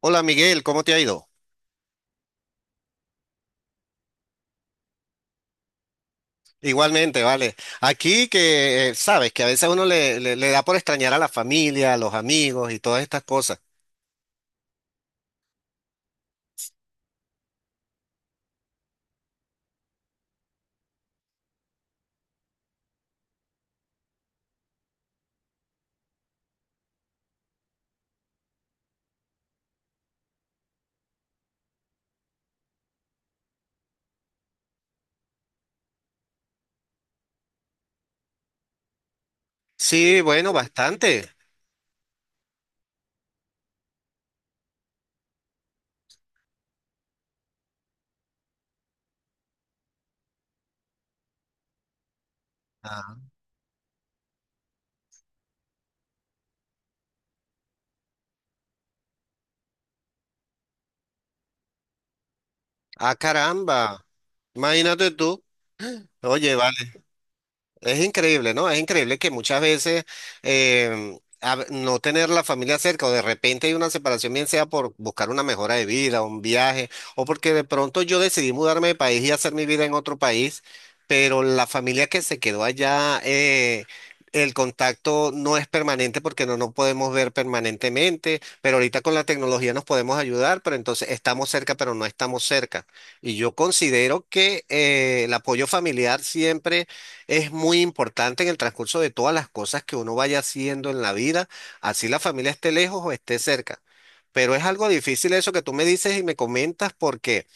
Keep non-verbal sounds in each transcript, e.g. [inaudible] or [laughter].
Hola Miguel, ¿cómo te ha ido? Igualmente, vale. Aquí que sabes que a veces uno le da por extrañar a la familia, a los amigos y todas estas cosas. Sí, bueno, bastante. Ah, ah, caramba. Imagínate tú. Oye, vale. Es increíble, ¿no? Es increíble que muchas veces no tener la familia cerca o de repente hay una separación, bien sea por buscar una mejora de vida, un viaje, o porque de pronto yo decidí mudarme de país y hacer mi vida en otro país, pero la familia que se quedó allá, el contacto no es permanente porque no nos podemos ver permanentemente, pero ahorita con la tecnología nos podemos ayudar, pero entonces estamos cerca, pero no estamos cerca. Y yo considero que el apoyo familiar siempre es muy importante en el transcurso de todas las cosas que uno vaya haciendo en la vida, así la familia esté lejos o esté cerca. Pero es algo difícil eso que tú me dices y me comentas porque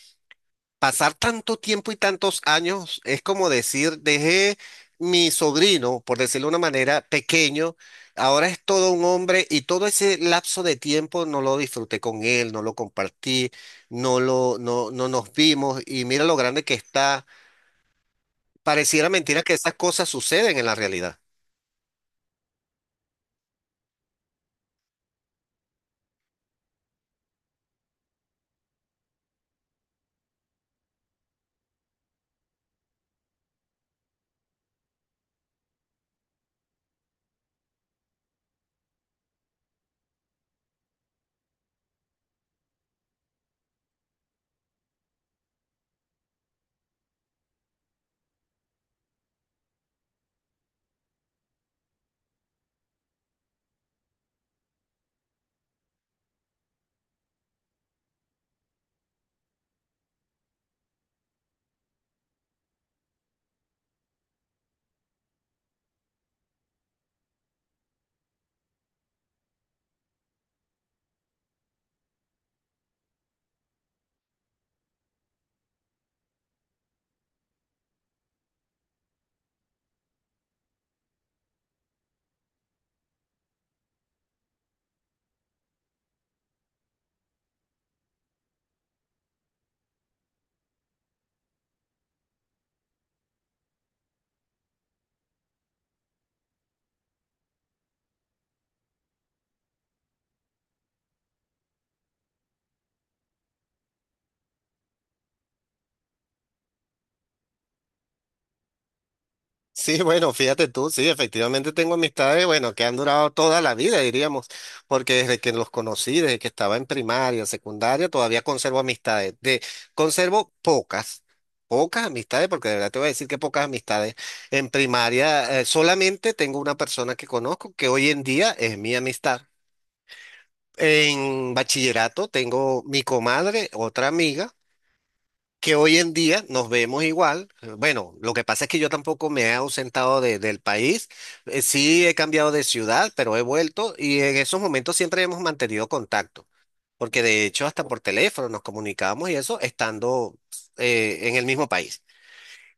pasar tanto tiempo y tantos años es como decir, dejé mi sobrino, por decirlo de una manera, pequeño, ahora es todo un hombre y todo ese lapso de tiempo no lo disfruté con él, no lo compartí, no lo, no, no nos vimos y mira lo grande que está. Pareciera mentira que esas cosas suceden en la realidad. Sí, bueno, fíjate tú, sí, efectivamente tengo amistades, bueno, que han durado toda la vida, diríamos, porque desde que los conocí, desde que estaba en primaria, secundaria, todavía conservo amistades. De, conservo pocas, pocas amistades, porque de verdad te voy a decir que pocas amistades. En primaria, solamente tengo una persona que conozco, que hoy en día es mi amistad. En bachillerato tengo mi comadre, otra amiga que hoy en día nos vemos igual. Bueno, lo que pasa es que yo tampoco me he ausentado del país. Sí he cambiado de ciudad, pero he vuelto y en esos momentos siempre hemos mantenido contacto, porque de hecho hasta por teléfono nos comunicábamos y eso estando en el mismo país.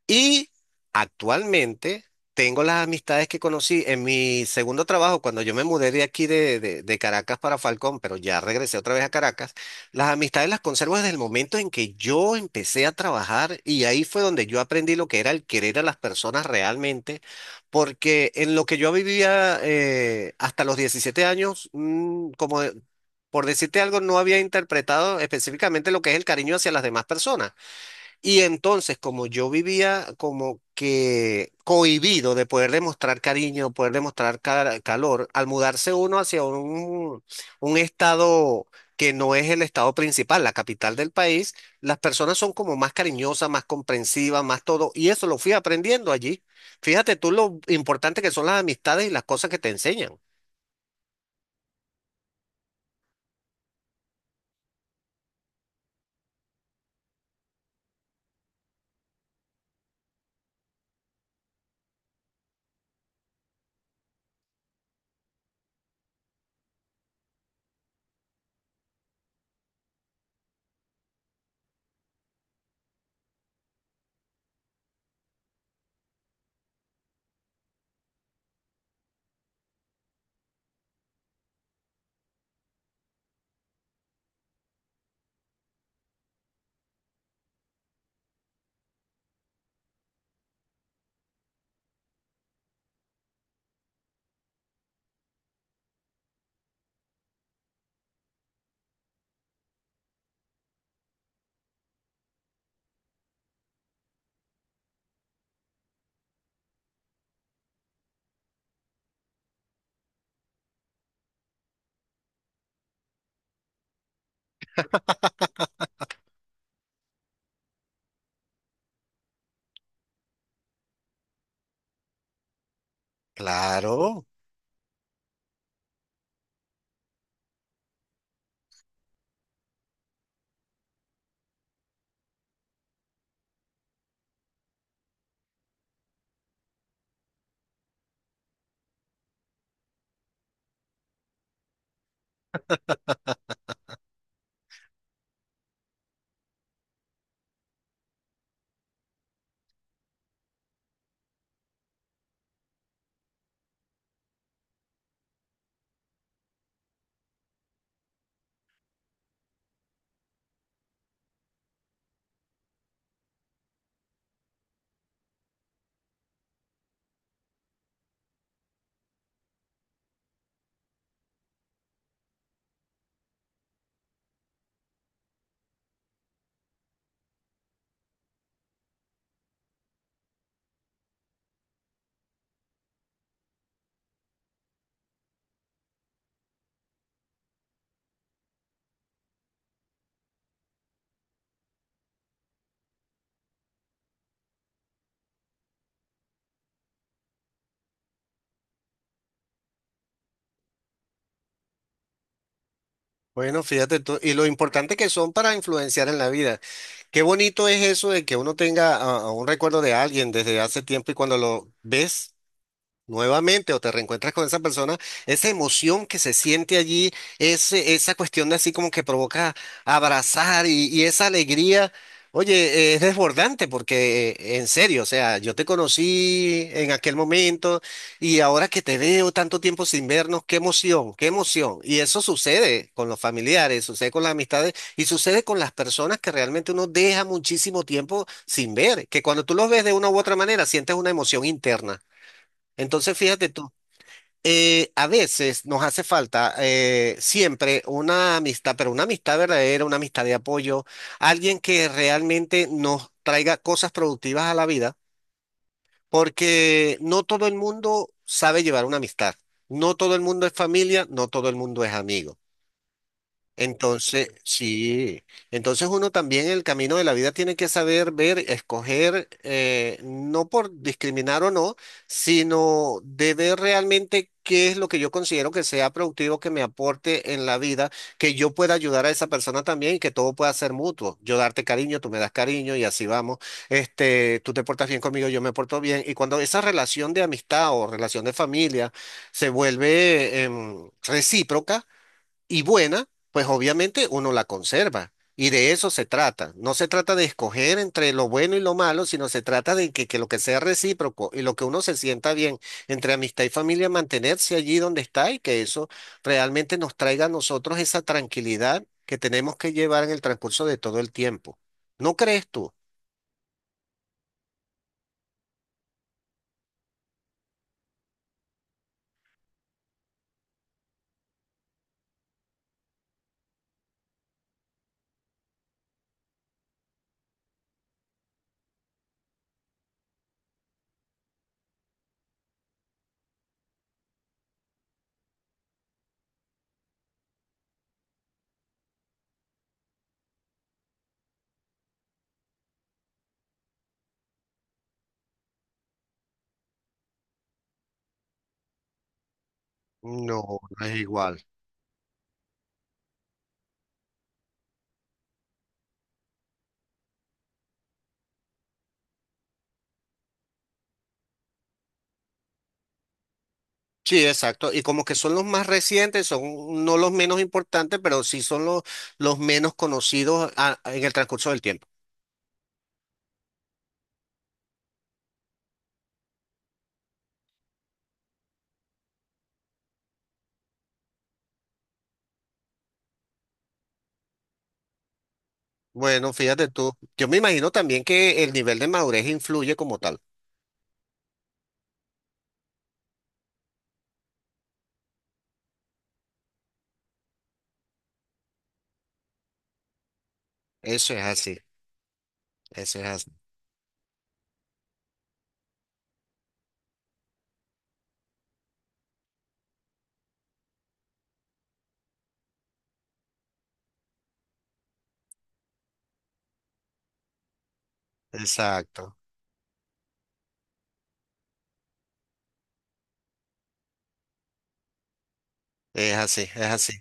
Y actualmente tengo las amistades que conocí en mi segundo trabajo, cuando yo me mudé de aquí de Caracas para Falcón, pero ya regresé otra vez a Caracas, las amistades las conservo desde el momento en que yo empecé a trabajar y ahí fue donde yo aprendí lo que era el querer a las personas realmente, porque en lo que yo vivía hasta los 17 años, Por decirte algo, no había interpretado específicamente lo que es el cariño hacia las demás personas. Y entonces, como yo vivía como que cohibido de poder demostrar cariño, poder demostrar calor, al mudarse uno hacia un estado que no es el estado principal, la capital del país, las personas son como más cariñosas, más comprensivas, más todo, y eso lo fui aprendiendo allí. Fíjate tú lo importante que son las amistades y las cosas que te enseñan. Claro. Bueno, fíjate tú, y lo importante que son para influenciar en la vida. Qué bonito es eso de que uno tenga un recuerdo de alguien desde hace tiempo y cuando lo ves nuevamente o te reencuentras con esa persona, esa emoción que se siente allí, esa cuestión de así como que provoca abrazar y esa alegría, oye, es desbordante porque en serio, o sea, yo te conocí en aquel momento y ahora que te veo tanto tiempo sin vernos, qué emoción, qué emoción. Y eso sucede con los familiares, sucede con las amistades y sucede con las personas que realmente uno deja muchísimo tiempo sin ver, que cuando tú los ves de una u otra manera sientes una emoción interna. Entonces, fíjate tú, a veces nos hace falta siempre una amistad, pero una amistad verdadera, una amistad de apoyo, alguien que realmente nos traiga cosas productivas a la vida, porque no todo el mundo sabe llevar una amistad, no todo el mundo es familia, no todo el mundo es amigo. Entonces, sí, entonces uno también en el camino de la vida tiene que saber ver, escoger, no por discriminar o no, sino de ver realmente qué es lo que yo considero que sea productivo, que me aporte en la vida, que yo pueda ayudar a esa persona también y que todo pueda ser mutuo. Yo darte cariño, tú me das cariño y así vamos. Este, tú te portas bien conmigo, yo me porto bien. Y cuando esa relación de amistad o relación de familia se vuelve, recíproca, y buena, pues obviamente uno la conserva. Y de eso se trata. No se trata de escoger entre lo bueno y lo malo, sino se trata de que lo que sea recíproco y lo que uno se sienta bien entre amistad y familia, mantenerse allí donde está y que eso realmente nos traiga a nosotros esa tranquilidad que tenemos que llevar en el transcurso de todo el tiempo. ¿No crees tú? No, no es igual. Sí, exacto. Y como que son los más recientes, son no los menos importantes, pero sí son los menos conocidos en el transcurso del tiempo. Bueno, fíjate tú, yo me imagino también que el nivel de madurez influye como tal. Eso es así, eso es así. Exacto, es así, es así.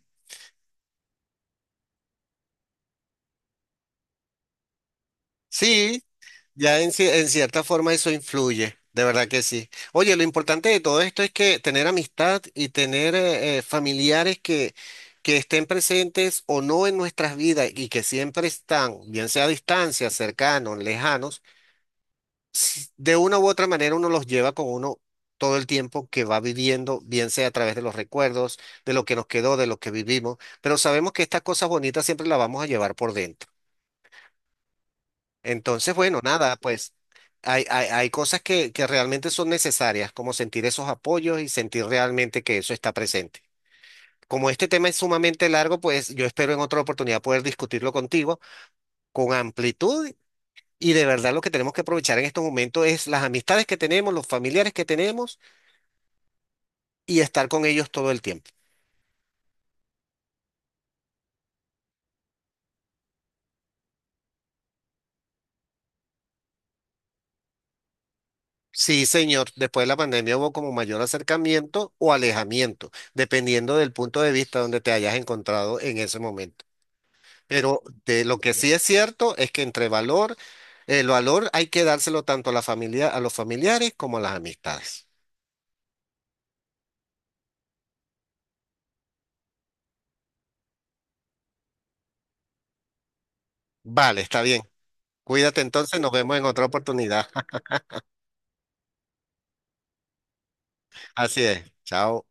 Sí, ya en, en cierta forma eso influye, de verdad que sí. Oye, lo importante de todo esto es que tener amistad y tener familiares que estén presentes o no en nuestras vidas y que siempre están, bien sea a distancia, cercanos, lejanos de una u otra manera uno los lleva con uno todo el tiempo que va viviendo, bien sea a través de los recuerdos, de lo que nos quedó, de lo que vivimos, pero sabemos que estas cosas bonitas siempre las vamos a llevar por dentro. Entonces, bueno, nada, pues hay cosas que realmente son necesarias, como sentir esos apoyos y sentir realmente que eso está presente. Como este tema es sumamente largo, pues yo espero en otra oportunidad poder discutirlo contigo con amplitud y de verdad lo que tenemos que aprovechar en estos momentos es las amistades que tenemos, los familiares que tenemos y estar con ellos todo el tiempo. Sí, señor, después de la pandemia hubo como mayor acercamiento o alejamiento, dependiendo del punto de vista donde te hayas encontrado en ese momento. Pero de lo que sí es cierto es que entre valor, el valor hay que dárselo tanto a la familia, a los familiares como a las amistades. Vale, está bien. Cuídate entonces, nos vemos en otra oportunidad. [laughs] Así es. Chao.